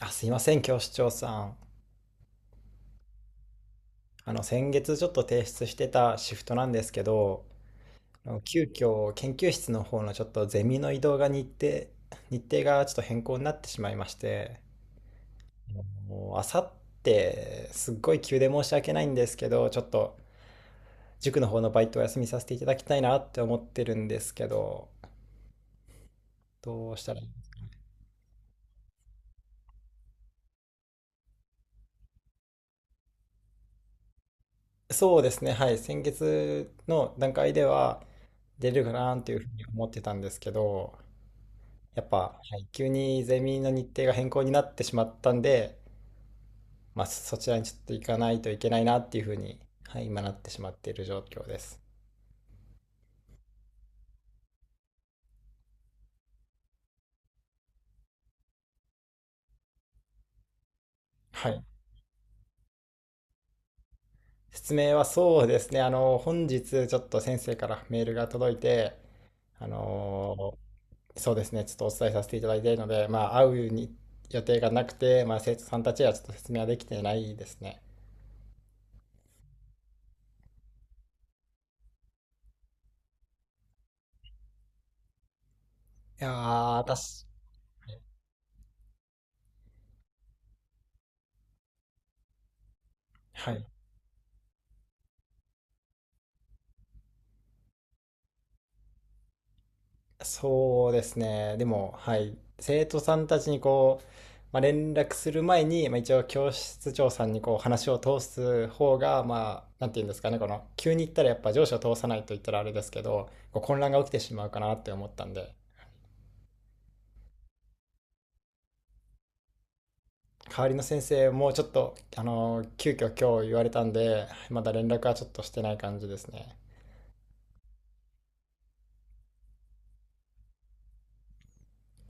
あ、すいません、教師長さん。あの、先月ちょっと提出してたシフトなんですけど、あの急遽研究室の方のちょっとゼミの移動が日程がちょっと変更になってしまいまして、もうあさってすっごい急で申し訳ないんですけど、ちょっと塾の方のバイトを休みさせていただきたいなって思ってるんですけど、どうしたらいい？そうですね、はい、先月の段階では出れるかなっていうふうに思ってたんですけど、やっぱ、はい、急にゼミの日程が変更になってしまったんで、まあ、そちらにちょっと行かないといけないなっていうふうに、はい、今なってしまっている状況です。はい。説明はそうですね。あの、本日ちょっと先生からメールが届いて、あのそうですね、ちょっとお伝えさせていただいているので、まあ、会うに予定がなくて、まあ、生徒さんたちはちょっと説明はできてないですね。いやー、私、はい。そうですね。でも、はい。生徒さんたちにこう、まあ、連絡する前に、まあ、一応教室長さんにこう話を通す方が、まあ、なんて言うんですかね、この、急に行ったらやっぱ上司を通さないと言ったらあれですけど、こう混乱が起きてしまうかなって思ったんで。代わりの先生もちょっと、あの、急遽今日言われたんで、まだ連絡はちょっとしてない感じですね。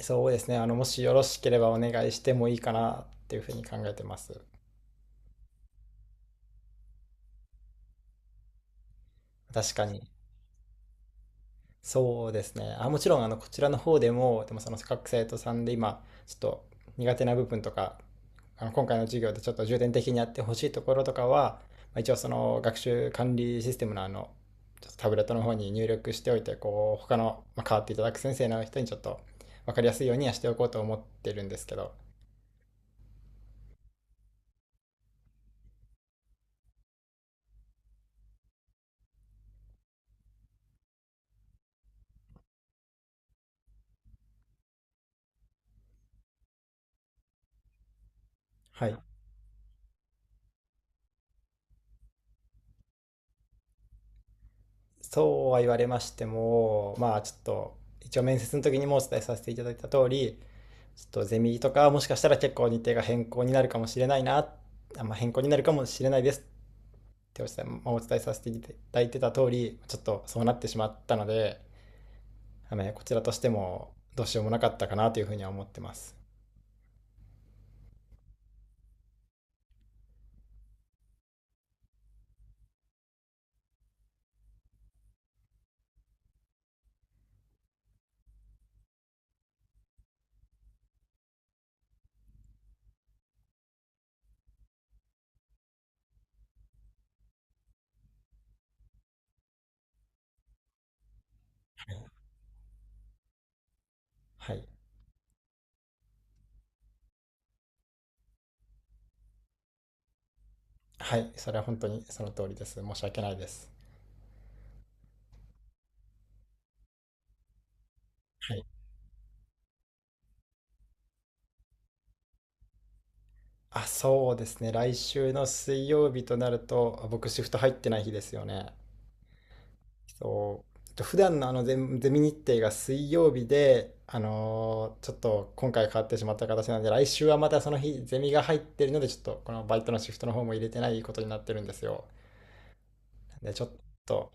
そうですね。あの、もしよろしければお願いしてもいいかなっていうふうに考えてます。確かに。そうですね。あ、もちろん、あの、こちらの方でも、でもその各生徒さんで今、ちょっと苦手な部分とか、あの、今回の授業でちょっと重点的にやってほしいところとかは、まあ、一応その学習管理システムのあの、ちょっとタブレットの方に入力しておいて、こう、他の、まあ、変わっていただく先生の人にちょっと分かりやすいようにはしておこうと思ってるんですけど。はい。そうは言われましても、まあちょっと、一応面接の時にもお伝えさせていただいた通り、ちょっとゼミとかもしかしたら結構日程が変更になるかもしれないですってお伝え,、まあ、お伝えさせていただいてた通り、ちょっとそうなってしまったので、あのねこちらとしてもどうしようもなかったかなというふうには思ってます。はい。はい。それは本当にその通りです。申し訳ないです。はい。あ、そうですね。来週の水曜日となると、僕シフト入ってない日ですよね。そうと普段のあのゼミ日程が水曜日で、ちょっと今回変わってしまった形なので、来週はまたその日ゼミが入ってるので、ちょっとこのバイトのシフトの方も入れてないことになってるんですよ。でちょっと、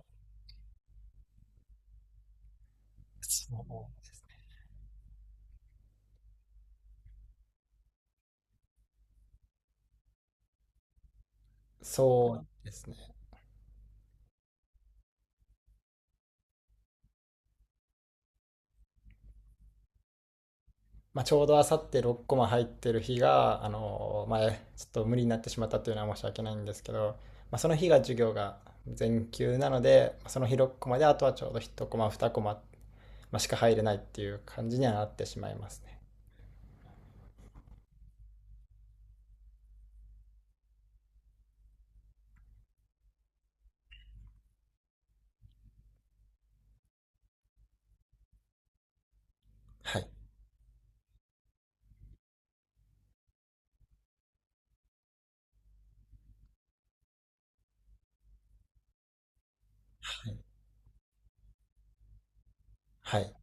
そうそうですね。まあ、ちょうどあさって6コマ入ってる日が、前、ちょっと無理になってしまったというのは申し訳ないんですけど、まあ、その日が授業が全休なので、その日6コマで、あとはちょうど1コマ、2コマ、まあ、しか入れないっていう感じにはなってしまいますね。はい。はい。はい。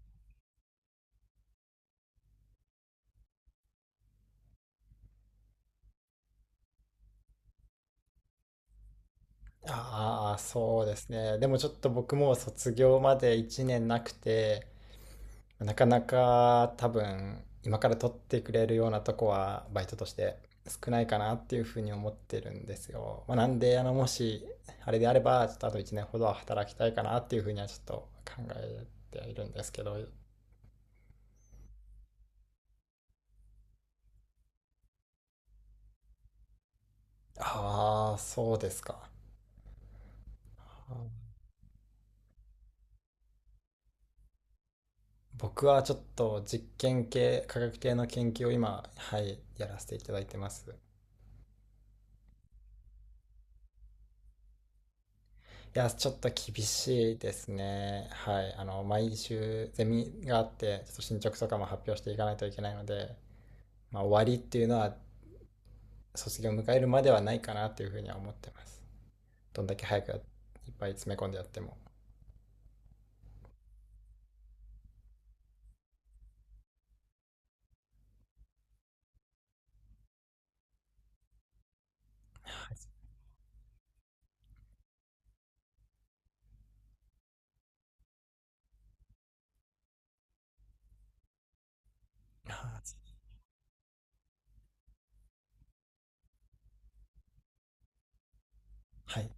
ああ、そうですね。でもちょっと僕も卒業まで1年なくて、なかなか多分今から取ってくれるようなとこはバイトとして少ないかなっていうふうに思ってるんですよ。まあ、なんで、あの、もしあれであれば、ちょっとあと1年ほどは働きたいかなっていうふうにはちょっと考えているんですけど。ああ、そうですか。僕はちょっと実験系、科学系の研究を今、はい、やらせていただいてます。いや、ちょっと厳しいですね。はい。あの、毎週ゼミがあって、ちょっと進捗とかも発表していかないといけないので、まあ、終わりっていうのは卒業を迎えるまではないかなというふうには思ってます。どんだけ早くやいっぱい詰め込んでやっても。あー、はい。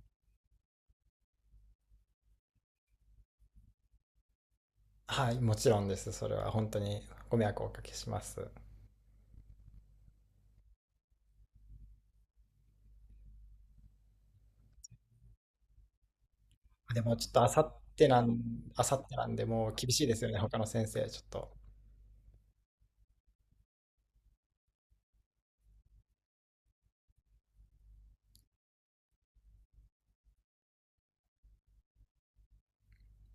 はい、もちろんです。それは本当にご迷惑をおかけします。でもちょっとあさってなんでもう厳しいですよね、他の先生、ちょっと。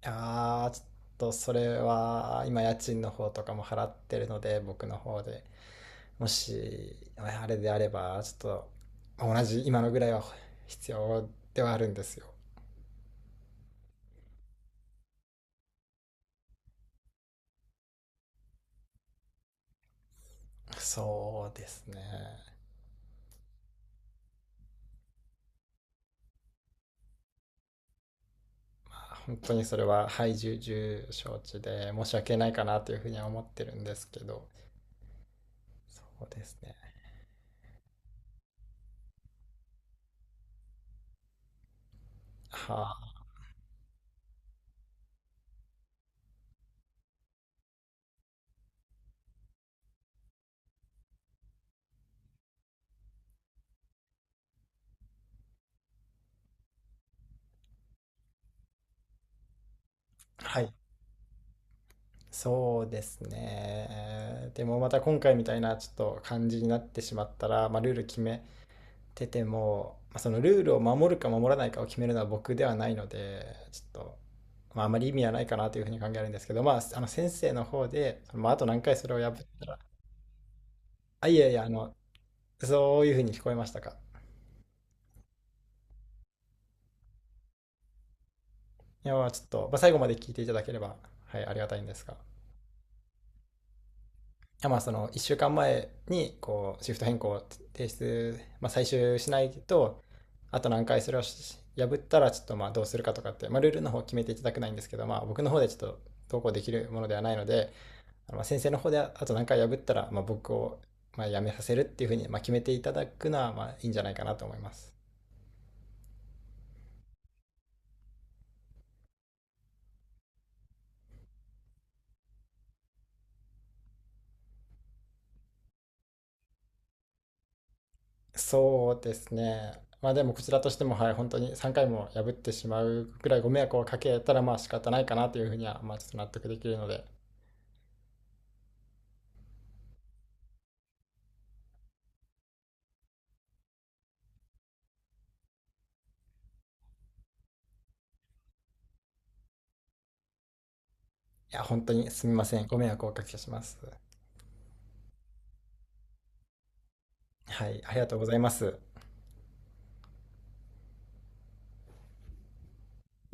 いやー、ちょっとそれは今家賃の方とかも払ってるので、僕の方で。もし、あれであれば、ちょっとまあ同じ今のぐらいは必要ではあるんですよ。そうですね。本当にそれは、はい、重々承知で申し訳ないかなというふうには思ってるんですけど、そうですね。はあ、はい。そうですね。でもまた今回みたいなちょっと感じになってしまったら、まあ、ルール決めてても、まあ、そのルールを守るか守らないかを決めるのは僕ではないので、ちょっと、まあ、あまり意味はないかなというふうに考えるんですけど、まあ、あの先生の方で、まあ、あと何回それを破ったら。あ、いやいや、あの、そういうふうに聞こえましたか？いや、まあちょっと、まあ、最後まで聞いていただければ、はい、ありがたいんですが。まあその1週間前にこうシフト変更を提出、まあ、最終しないとあと何回それを破ったらちょっとまあどうするかとかって、まあ、ルールの方決めていただくないんですけど、まあ、僕の方でちょっと投稿できるものではないので、まあ、先生の方であと何回破ったらまあ僕をまあ辞めさせるっていうふうにまあ決めていただくのはまあいいんじゃないかなと思います。そうですね。まあでもこちらとしてもはい本当に3回も破ってしまうくらいご迷惑をかけたらまあ仕方ないかなというふうにはまあちょっと納得できるので。いや、本当にすみません。ご迷惑をおかけします。はい、ありがとうございます。